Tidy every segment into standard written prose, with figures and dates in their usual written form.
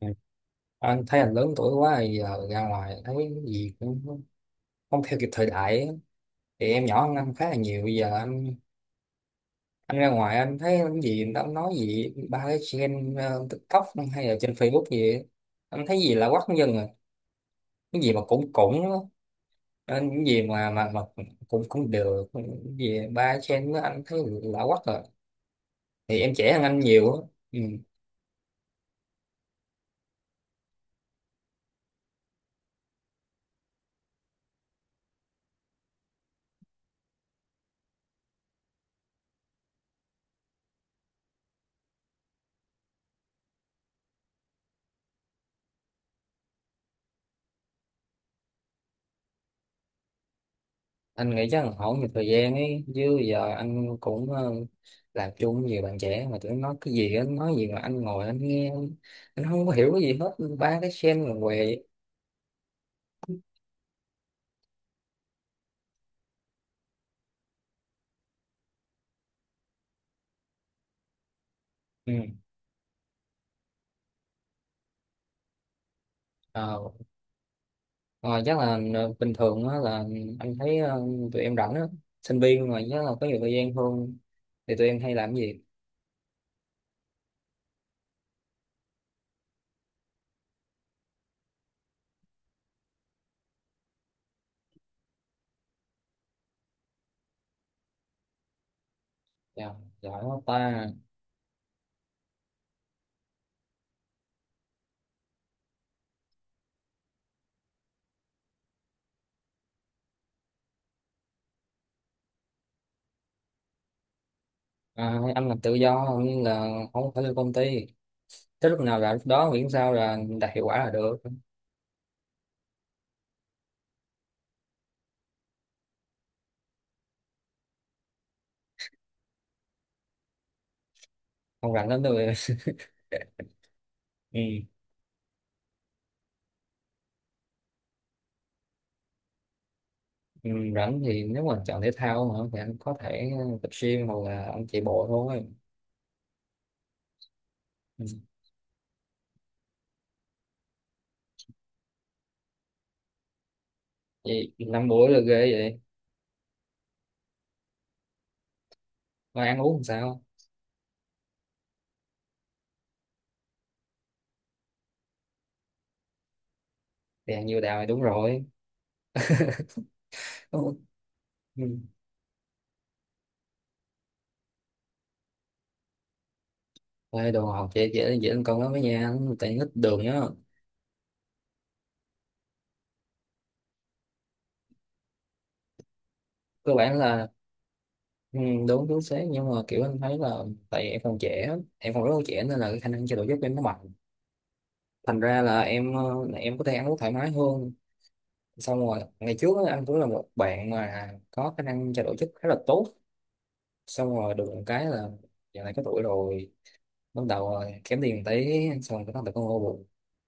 Ừ. Anh thấy anh lớn tuổi quá thì giờ ra ngoài thấy cái gì cũng không theo kịp thời đại ấy. Thì em nhỏ hơn anh khá là nhiều, bây giờ anh ra ngoài anh thấy cái gì người ta cũng nói gì ba cái trend TikTok hay là trên Facebook gì ấy. Anh thấy gì là quắc dân rồi, cái gì mà cũng cũng á. Nên cái gì mà cũng cũng được, cái gì ba cái trend đó anh thấy là quắc rồi, thì em trẻ hơn anh nhiều á. Ừ. Anh nghĩ chắc là hỏi nhiều thời gian ấy, chứ giờ anh cũng làm chung với nhiều bạn trẻ mà tụi nó nói cái gì anh nói gì mà anh ngồi anh nghe anh, không có hiểu cái gì hết, ba cái sen là què. Ừ. ờ, ờ, chắc là bình thường á, là anh thấy tụi em rảnh á, sinh viên mà chắc là có nhiều thời gian hơn, thì tụi em hay làm cái gì? Dạ, giỏi quá ta. À, anh làm tự do nên là không phải lên công ty, tới lúc nào là lúc đó, miễn sao là đạt hiệu quả là được. Không rảnh lắm đâu. Ừ. Ừ, rảnh thì nếu mà chọn thể thao hả, thì anh có thể tập gym hoặc là anh chạy bộ thôi. Ừ. Vậy năm buổi là ghê vậy. Mà ăn uống làm sao? Thì ăn nhiều đào thì đúng rồi. Ừ. Ừ. Ê, đồ ngọt dễ dễ dễ ăn cơm lắm với nha, tại ít đường nhá. Cơ bản là ừ, đúng đúng sáng, nhưng mà kiểu anh thấy là tại em còn trẻ, em còn rất là trẻ nên là cái khả năng chạy độ dốc của em nó mạnh, thành ra là em em có thể ăn uống thoải mái hơn. Xong rồi ngày trước á, anh cũng là một bạn mà có khả năng chạy độ chất khá là tốt, xong rồi được một cái là giờ này có tuổi rồi, bắt đầu là kém tiền một tí, xong rồi bắt đầu có ngô bụng,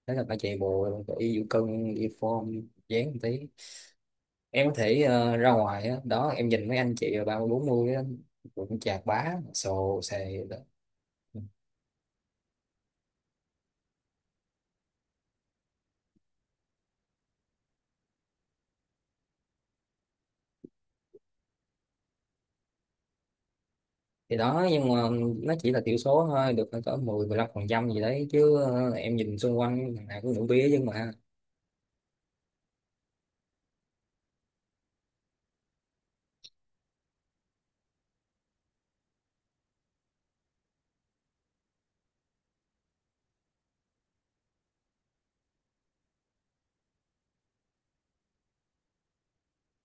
thế là phải chạy bộ, phải đi vũ cân, đi form dáng một tí. Em có thể ra ngoài á, đó em nhìn mấy anh chị 30 40 cũng chạc bá sồ xề đó. Thì đó, nhưng mà nó chỉ là thiểu số thôi, được có 10 15% gì đấy chứ, em nhìn xung quanh thằng nào cũng uống bía nhưng mà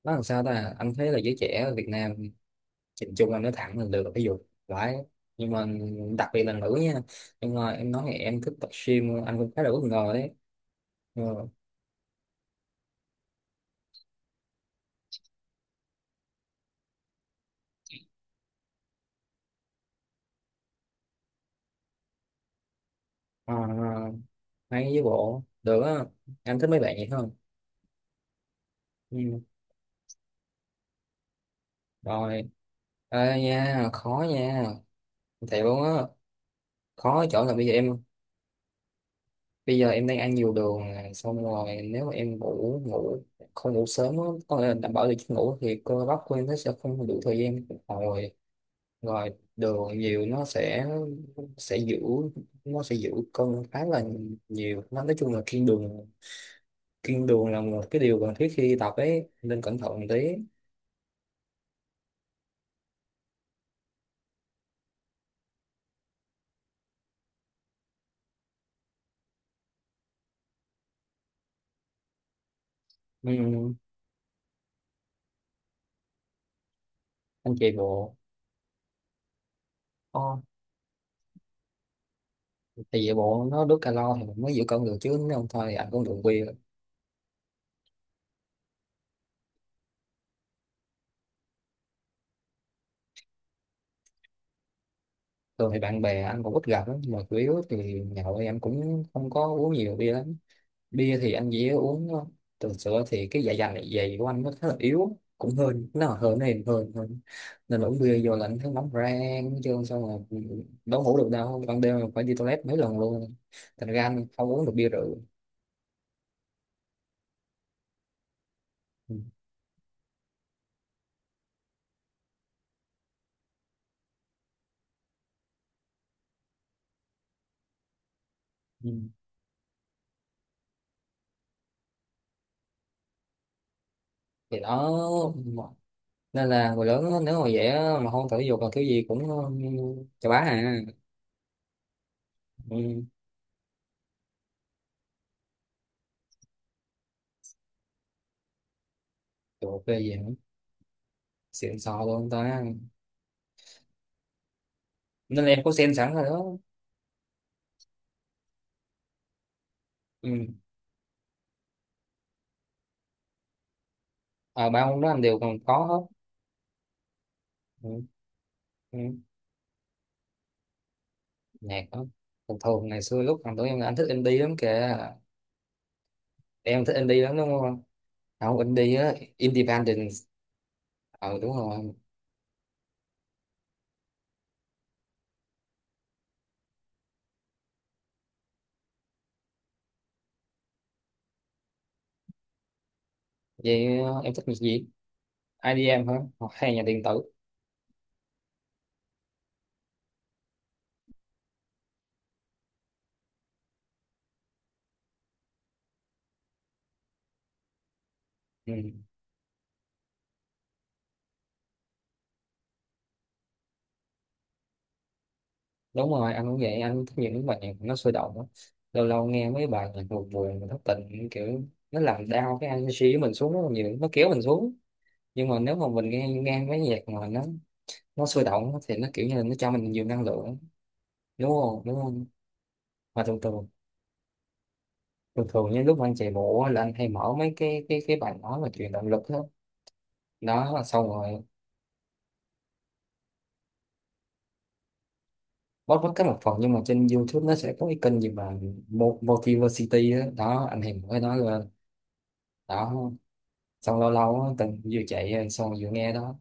nó làm sao ta. Anh thấy là giới trẻ ở Việt Nam nhìn chung, anh nói thẳng là được, ví dụ phải, nhưng mà đặc biệt là nữ nha, nhưng mà em nói thì em thích tập gym, anh cũng khá là bất ngờ đấy. Ừ. À, hay với bộ được á. Anh thích mấy bạn vậy không? Ừ. Rồi. Ê nha, khó nha, thiệt luôn á. Khó ở chỗ là bây giờ em đang ăn nhiều đường nè, xong rồi nếu mà em ngủ ngủ không ngủ sớm á, có nghĩa là đảm bảo được giấc ngủ, thì cơ bắp của em nó sẽ không đủ thời gian phục hồi, rồi đường nhiều nó sẽ giữ nó sẽ giữ cân khá là nhiều. Nó nói chung là kiêng đường, kiêng đường là một cái điều cần thiết khi tập ấy, nên cẩn thận một tí. Ừ. Anh chạy bộ. Ồ, thì chạy bộ nó đốt calo thì mình mới giữ cân được, chứ nếu không thôi thì anh cũng đường bia. Thường thì bạn bè anh cũng ít gặp lắm, mà chủ yếu thì nhậu thì anh cũng không có uống nhiều bia lắm, bia thì anh dễ uống lắm. Thường sữa thì cái dạ dày của anh nó khá là yếu, cũng hơi nó là hơi này hơi hơi nên là uống bia vô là anh thấy nóng rang chứ, xong rồi đâu ngủ được đâu, ban đêm là phải đi toilet mấy lần luôn, thành ra anh không uống được bia rượu. Ừ. Ừ. Thì đó, nên là người lớn á, nếu mà dễ mà không thể dục là thứ gì cũng chà bá à. Ừ. Trời, ok gì nữa, xịn sò luôn ta. Nên là em có xem sẵn rồi đó. Ừ. À, ba món đó anh đều còn có hết. Ừ. Ừ. Nhạc đó thường thường ngày xưa lúc còn tuổi em là anh thích indie lắm kìa. Em thích indie lắm đúng không? Không, indie á, independent. Ờ đúng rồi. Vậy em thích nhạc gì? IDM hả? Hoặc hay nhạc điện tử. Ừ. Đúng rồi, anh cũng vậy, anh thích những bài nhạc nó sôi động á. Lâu lâu nghe mấy bài nhạc buồn buồn mà thất tình, kiểu nó làm đau cái energy của mình, xuống rất là nhiều, nó kéo mình xuống. Nhưng mà nếu mà mình nghe nghe mấy nhạc mà nó sôi động á, thì nó kiểu như là nó cho mình nhiều năng lượng, đúng không đúng không? Mà thường thường những lúc mà anh chạy bộ á, là anh hay mở mấy cái cái bài nói về truyền động lực đó. Đó xong rồi bót bót cái một phần, nhưng mà trên YouTube nó sẽ có cái kênh gì mà Motivacity đó, đó anh hay mở cái đó lên đó. Xong lâu lâu á, từng vừa chạy xong vừa nghe đó.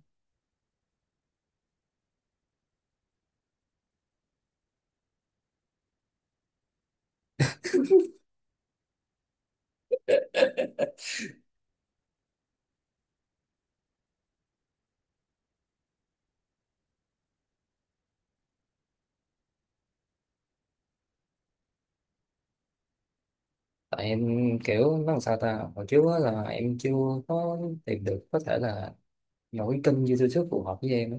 Tại em kiểu nó làm sao ta, hồi trước á là em chưa có tìm được, có thể là một cái kênh YouTube phù hợp với em á.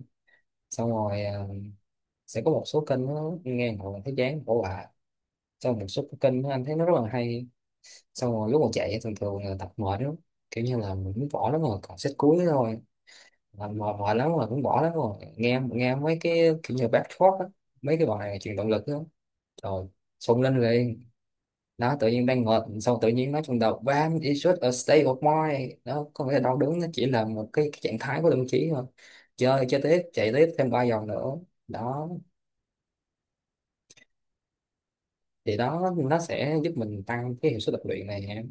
Xong rồi à, sẽ có một số kênh nó nghe hồi thấy chán bỏ hoài, xong một số cái kênh của anh thấy nó rất là hay. Xong rồi lúc mà chạy thường thường là tập mệt lắm, kiểu như là mình cũng bỏ lắm rồi còn set cuối thôi, là mệt mệt lắm rồi, cũng bỏ lắm rồi, nghe nghe mấy cái kiểu như back talk á, mấy cái bài truyền động lực đó, rồi xông lên liền. Đó tự nhiên đang ngợp, xong tự nhiên nó trong đầu bam, it's just a state of mind đó, có nghĩa là đau đớn nó chỉ là một cái trạng thái của tâm trí thôi. Chơi chơi tiếp chạy tiếp thêm 3 vòng nữa đó. Thì đó, nó sẽ giúp mình tăng cái hiệu suất tập luyện này,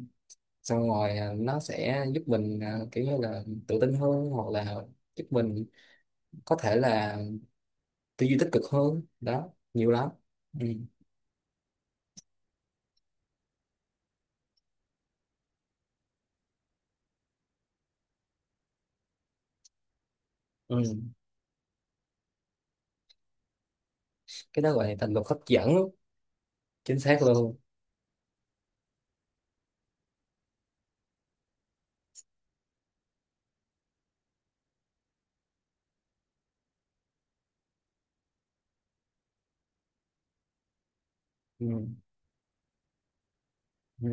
xong rồi à, nó sẽ giúp mình à, kiểu như là tự tin hơn, hoặc là giúp mình có thể là tư duy tích cực hơn đó, nhiều lắm. Ừ. Ừ. Cái đó gọi là thành luật hấp dẫn. Chính xác luôn. Ừ. Ừ.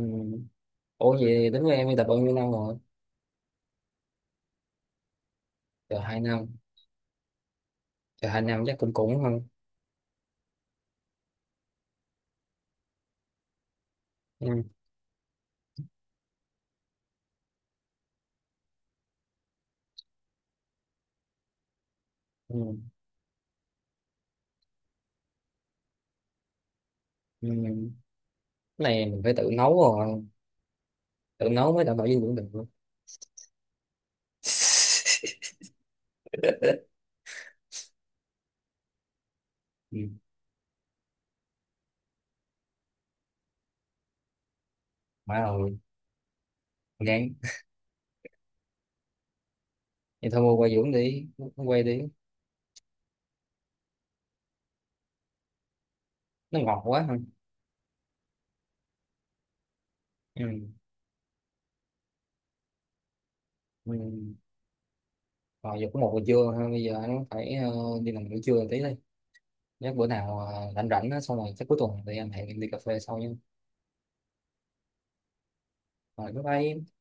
Ủa vậy đến với em đi tập bao nhiêu năm rồi? Chờ 2 năm. Chờ hai năm chắc cũng cũng hơn. Ừ. Ừ. Ừ. Cái này mình phải tự nấu rồi, tự nấu mới đảm bảo dinh dưỡng được. Ừ. Má ơi. Ngán. Vậy thôi mua quay Dũng đi, quay đi. Nó ngọt quá. Ừ. Ừ. Rồi giờ cũng 1 giờ trưa ha, bây giờ anh phải đi làm buổi trưa tí đi. Nếu bữa nào rảnh rảnh á, xong rồi chắc cuối tuần thì anh hẹn em đi cà phê sau nha. Rồi bye bye.